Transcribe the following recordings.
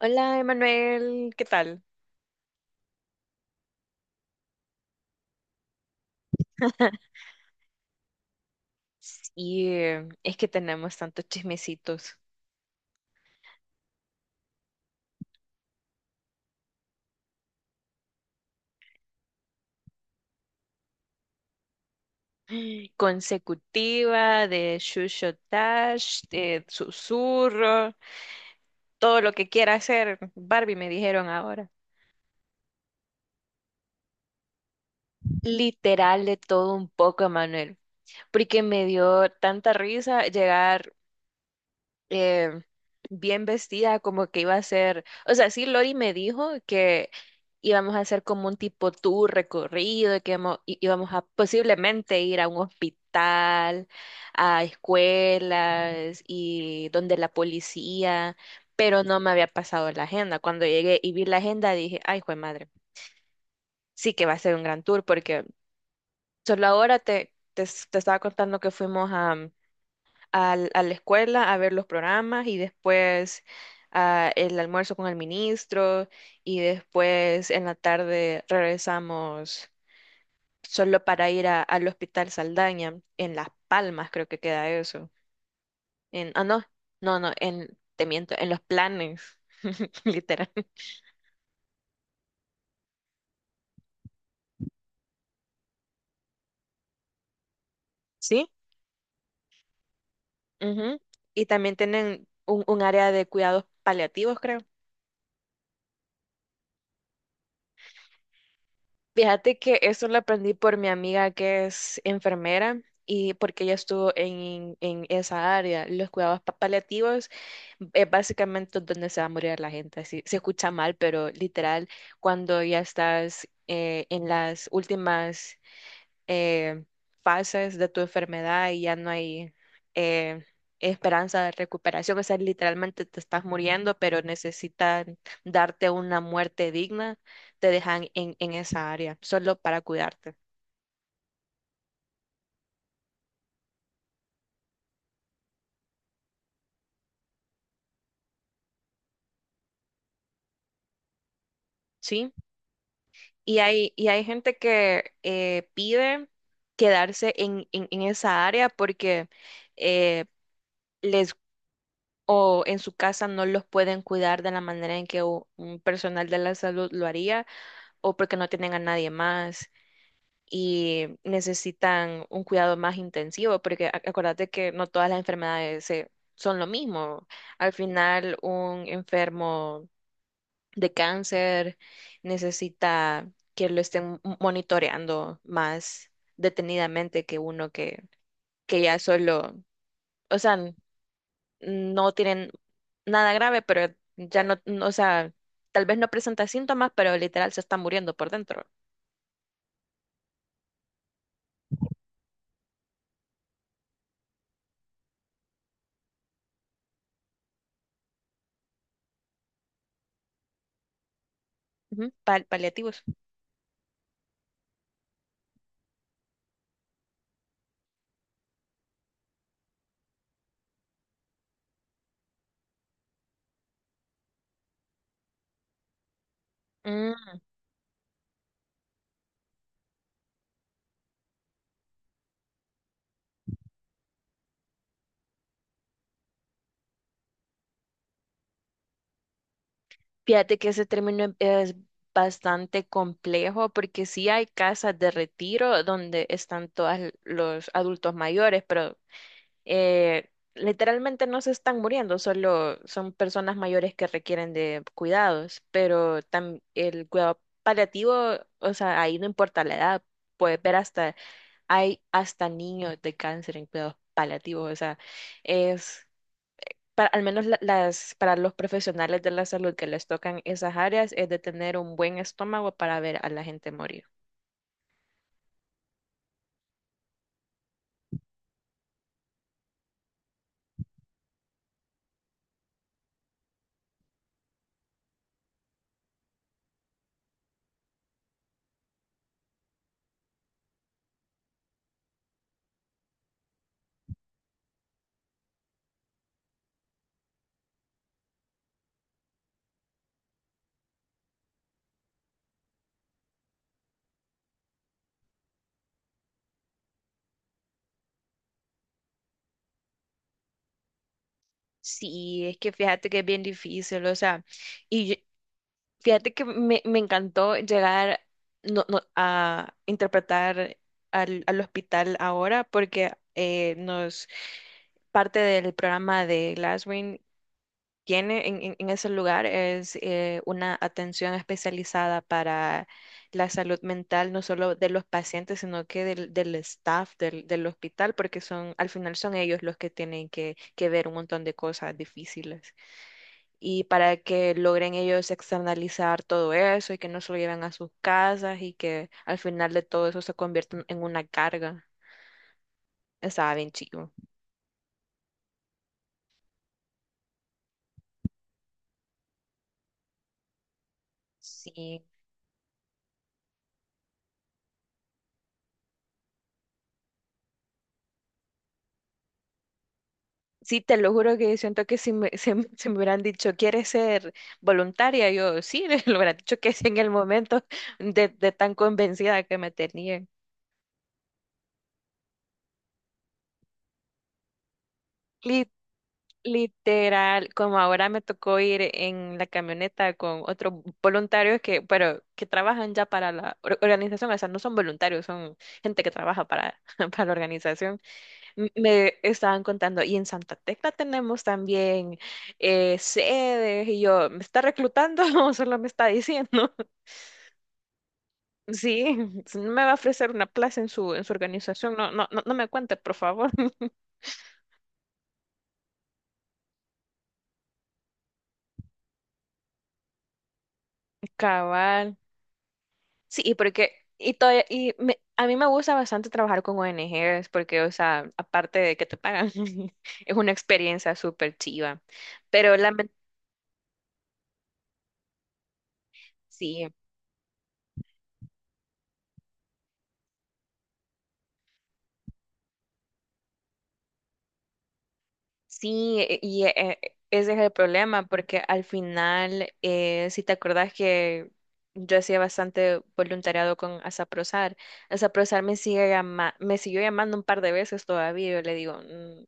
Hola, Emanuel, ¿qué tal? Y es que tenemos tantos chismecitos. Consecutiva, de shushotash, de susurro, todo lo que quiera hacer. Barbie me dijeron ahora. Literal de todo un poco, Emanuel. Porque me dio tanta risa llegar eh, bien vestida, como que iba a ser, o sea, sí, Lori me dijo que íbamos a hacer como un tipo tour recorrido, y que íbamos, íbamos a posiblemente ir a un hospital, a escuelas y donde la policía, pero no me había pasado la agenda. Cuando llegué y vi la agenda dije, ay, jue madre, sí que va a ser un gran tour porque solo ahora te estaba contando que fuimos a a la escuela a ver los programas y después ah, el almuerzo con el ministro y después en la tarde regresamos solo para ir al Hospital Saldaña, en Las Palmas creo que queda eso. En, ah, no, en, te miento, en los planes, literal. Sí, ujú. Y también tienen un área de cuidados paliativos, creo. Fíjate que eso lo aprendí por mi amiga que es enfermera y porque ella estuvo en esa área. Los cuidados paliativos es básicamente donde se va a morir la gente. Así, se escucha mal, pero literal, cuando ya estás en las últimas eh, fases de tu enfermedad y ya no hay eh, esperanza de recuperación. O sea, literalmente te estás muriendo, pero necesitan darte una muerte digna, te dejan en esa área, solo para cuidarte, ¿sí? Y hay gente que pide quedarse en esa área porque eh, les... o en su casa no los pueden cuidar de la manera en que un personal de la salud lo haría, o porque no tienen a nadie más. Y necesitan un cuidado más intensivo, porque acuérdate que no todas las enfermedades son lo mismo. Al final, un enfermo de cáncer necesita que lo estén monitoreando más detenidamente que uno que ya solo, o sea, no tienen nada grave, pero ya no, o sea, tal vez no presenta síntomas, pero literal se está muriendo por dentro. Ujú, paliativos. Fíjate que ese término es bastante complejo porque sí hay casas de retiro donde están todos los adultos mayores, pero eh, literalmente no se están muriendo, solo son personas mayores que requieren de cuidados, pero el cuidado paliativo, o sea, ahí no importa la edad, puedes ver hasta, hay hasta niños de cáncer en cuidados paliativos, o sea, es para, al menos para los profesionales de la salud que les tocan esas áreas, es de tener un buen estómago para ver a la gente morir. Sí, es que fíjate que es bien difícil, o sea, y yo- fíjate que me encantó llegar a interpretar al hospital ahora porque nos parte del programa de Glasswing tiene en, en ese lugar es una atención especializada para la salud mental, no solo de los pacientes, sino que del staff del hospital, porque son, al final son ellos los que tienen que ver un montón de cosas difíciles. Y para que logren ellos externalizar todo eso y que no se lo lleven a sus casas y que al final de todo eso se convierta en una carga. Estaba bien chido. Sí, sí, te lo juro que siento que si me, se, me hubieran dicho, ¿quieres ser voluntaria? Yo sí, lo hubieran dicho que sí en el momento de tan convencida que me tenía. Li- Literal, como ahora me tocó ir en la camioneta con otros voluntarios que, pero que trabajan ya para la organización, o sea, no son voluntarios, son gente que trabaja para, para la organización. Me estaban contando, y en Santa Tecla tenemos también sedes, y yo, ¿me está reclutando o solo me está diciendo? Sí, si no me va a ofrecer una plaza en su organización, no, no, no, no me cuente, por favor. Cabal. Sí, y porque, y todavía, y a mí me gusta bastante trabajar con ONGs, porque, o sea, aparte de que te pagan, es una experiencia súper chiva, pero sí. Sí, ese es el problema, porque al final, si te acordás que yo hacía bastante voluntariado con Asaprozar, Asaprozar me sigue me siguió llamando un par de veces todavía, yo le digo, "Mm,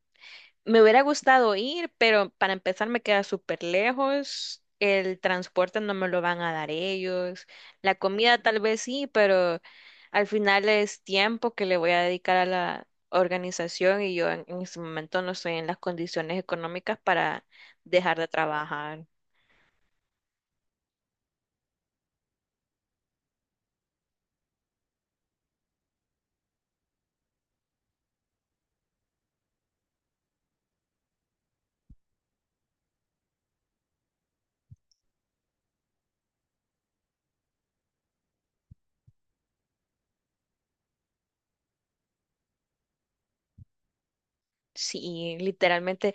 me hubiera gustado ir, pero para empezar me queda súper lejos. El transporte no me lo van a dar ellos. La comida tal vez sí, pero al final es tiempo que le voy a dedicar a la organización y yo en este momento no estoy en las condiciones económicas para dejar de trabajar. Sí, literalmente.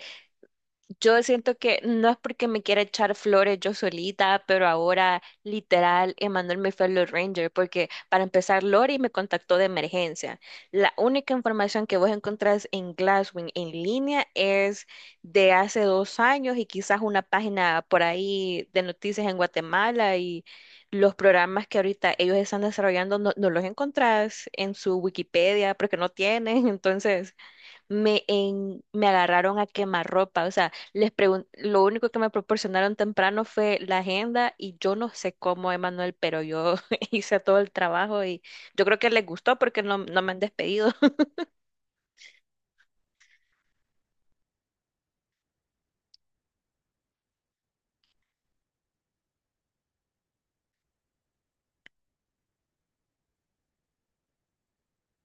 Yo siento que no es porque me quiera echar flores yo solita, pero ahora literal Emanuel me fue a los Rangers, porque para empezar Lori me contactó de emergencia. La única información que vos encontrás en Glasswing en línea es de hace 2 años y quizás una página por ahí de noticias en Guatemala y los programas que ahorita ellos están desarrollando no los encontrás en su Wikipedia porque no tienen, entonces me, en, me agarraron a quemarropa, o sea, les lo único que me proporcionaron temprano fue la agenda y yo no sé cómo, Emanuel, pero yo hice todo el trabajo y yo creo que les gustó porque no, no me han despedido.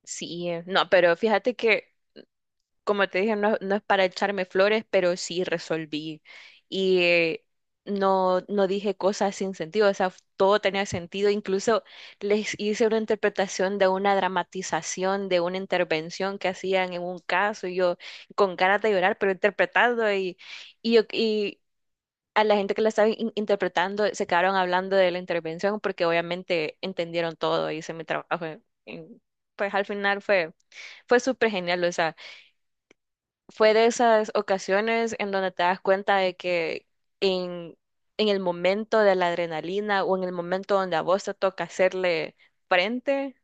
Sí, no, pero fíjate que como te dije, no, no es para echarme flores, pero sí resolví. Y no, no dije cosas sin sentido, o sea, todo tenía sentido. Incluso les hice una interpretación de una dramatización, de una intervención que hacían en un caso, y yo con ganas de llorar, pero interpretando y, y a la gente que la estaba interpretando se quedaron hablando de la intervención porque obviamente entendieron todo, hice mi trabajo. Pues al final fue súper genial, o sea, fue de esas ocasiones en donde te das cuenta de que en, en el momento de la adrenalina o en el momento donde a vos te toca hacerle frente,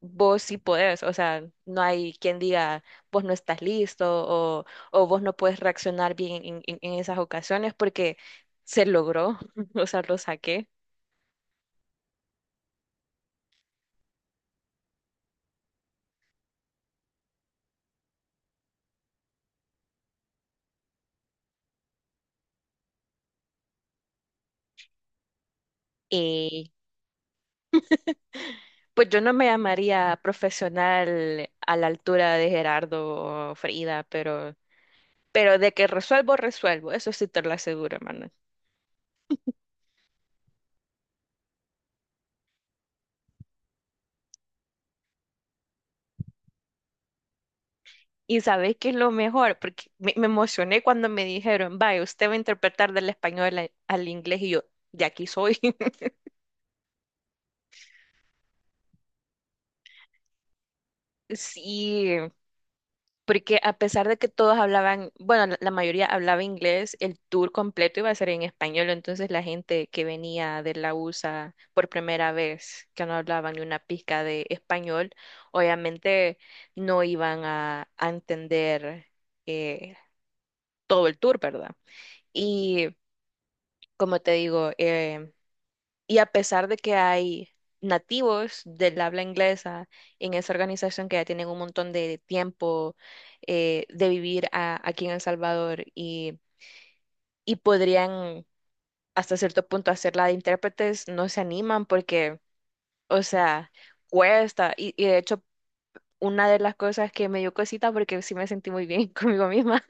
vos sí podés. O sea, no hay quien diga vos no estás listo, o vos no puedes reaccionar bien en, en esas ocasiones porque se logró, o sea, lo saqué. Y pues yo no me llamaría profesional a la altura de Gerardo o Frida, pero... Pero de que resuelvo, resuelvo. Eso sí te lo aseguro, hermano. Y sabes qué es lo mejor, porque me emocioné cuando me dijeron, vaya, usted va a interpretar del español al inglés y yo, de aquí soy. Sí, porque a pesar de que todos hablaban, bueno, la mayoría hablaba inglés, el tour completo iba a ser en español, entonces la gente que venía de la USA por primera vez, que no hablaban ni una pizca de español, obviamente no iban a entender. eh, Todo el tour, ¿verdad? Y como te digo, y a pesar de que hay nativos del habla inglesa en esa organización que ya tienen un montón de tiempo de vivir aquí en El Salvador y podrían hasta cierto punto hacerla de intérpretes, no se animan porque, o sea, cuesta. Y de hecho, una de las cosas que me dio cosita porque sí me sentí muy bien conmigo misma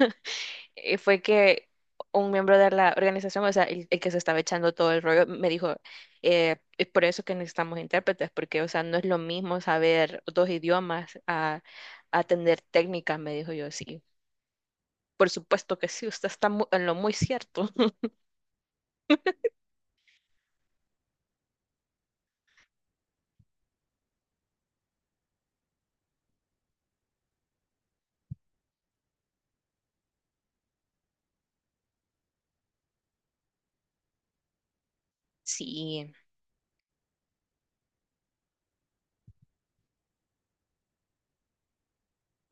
fue que un miembro de la organización, o sea, el que se estaba echando todo el rollo, me dijo, es por eso que necesitamos intérpretes, porque, o sea, no es lo mismo saber dos idiomas a atender técnicas, me dijo yo, sí. Por supuesto que sí, usted está en lo muy cierto. Sí,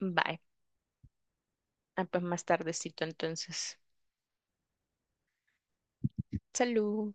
bye. Ah, pues más tardecito entonces. Salud.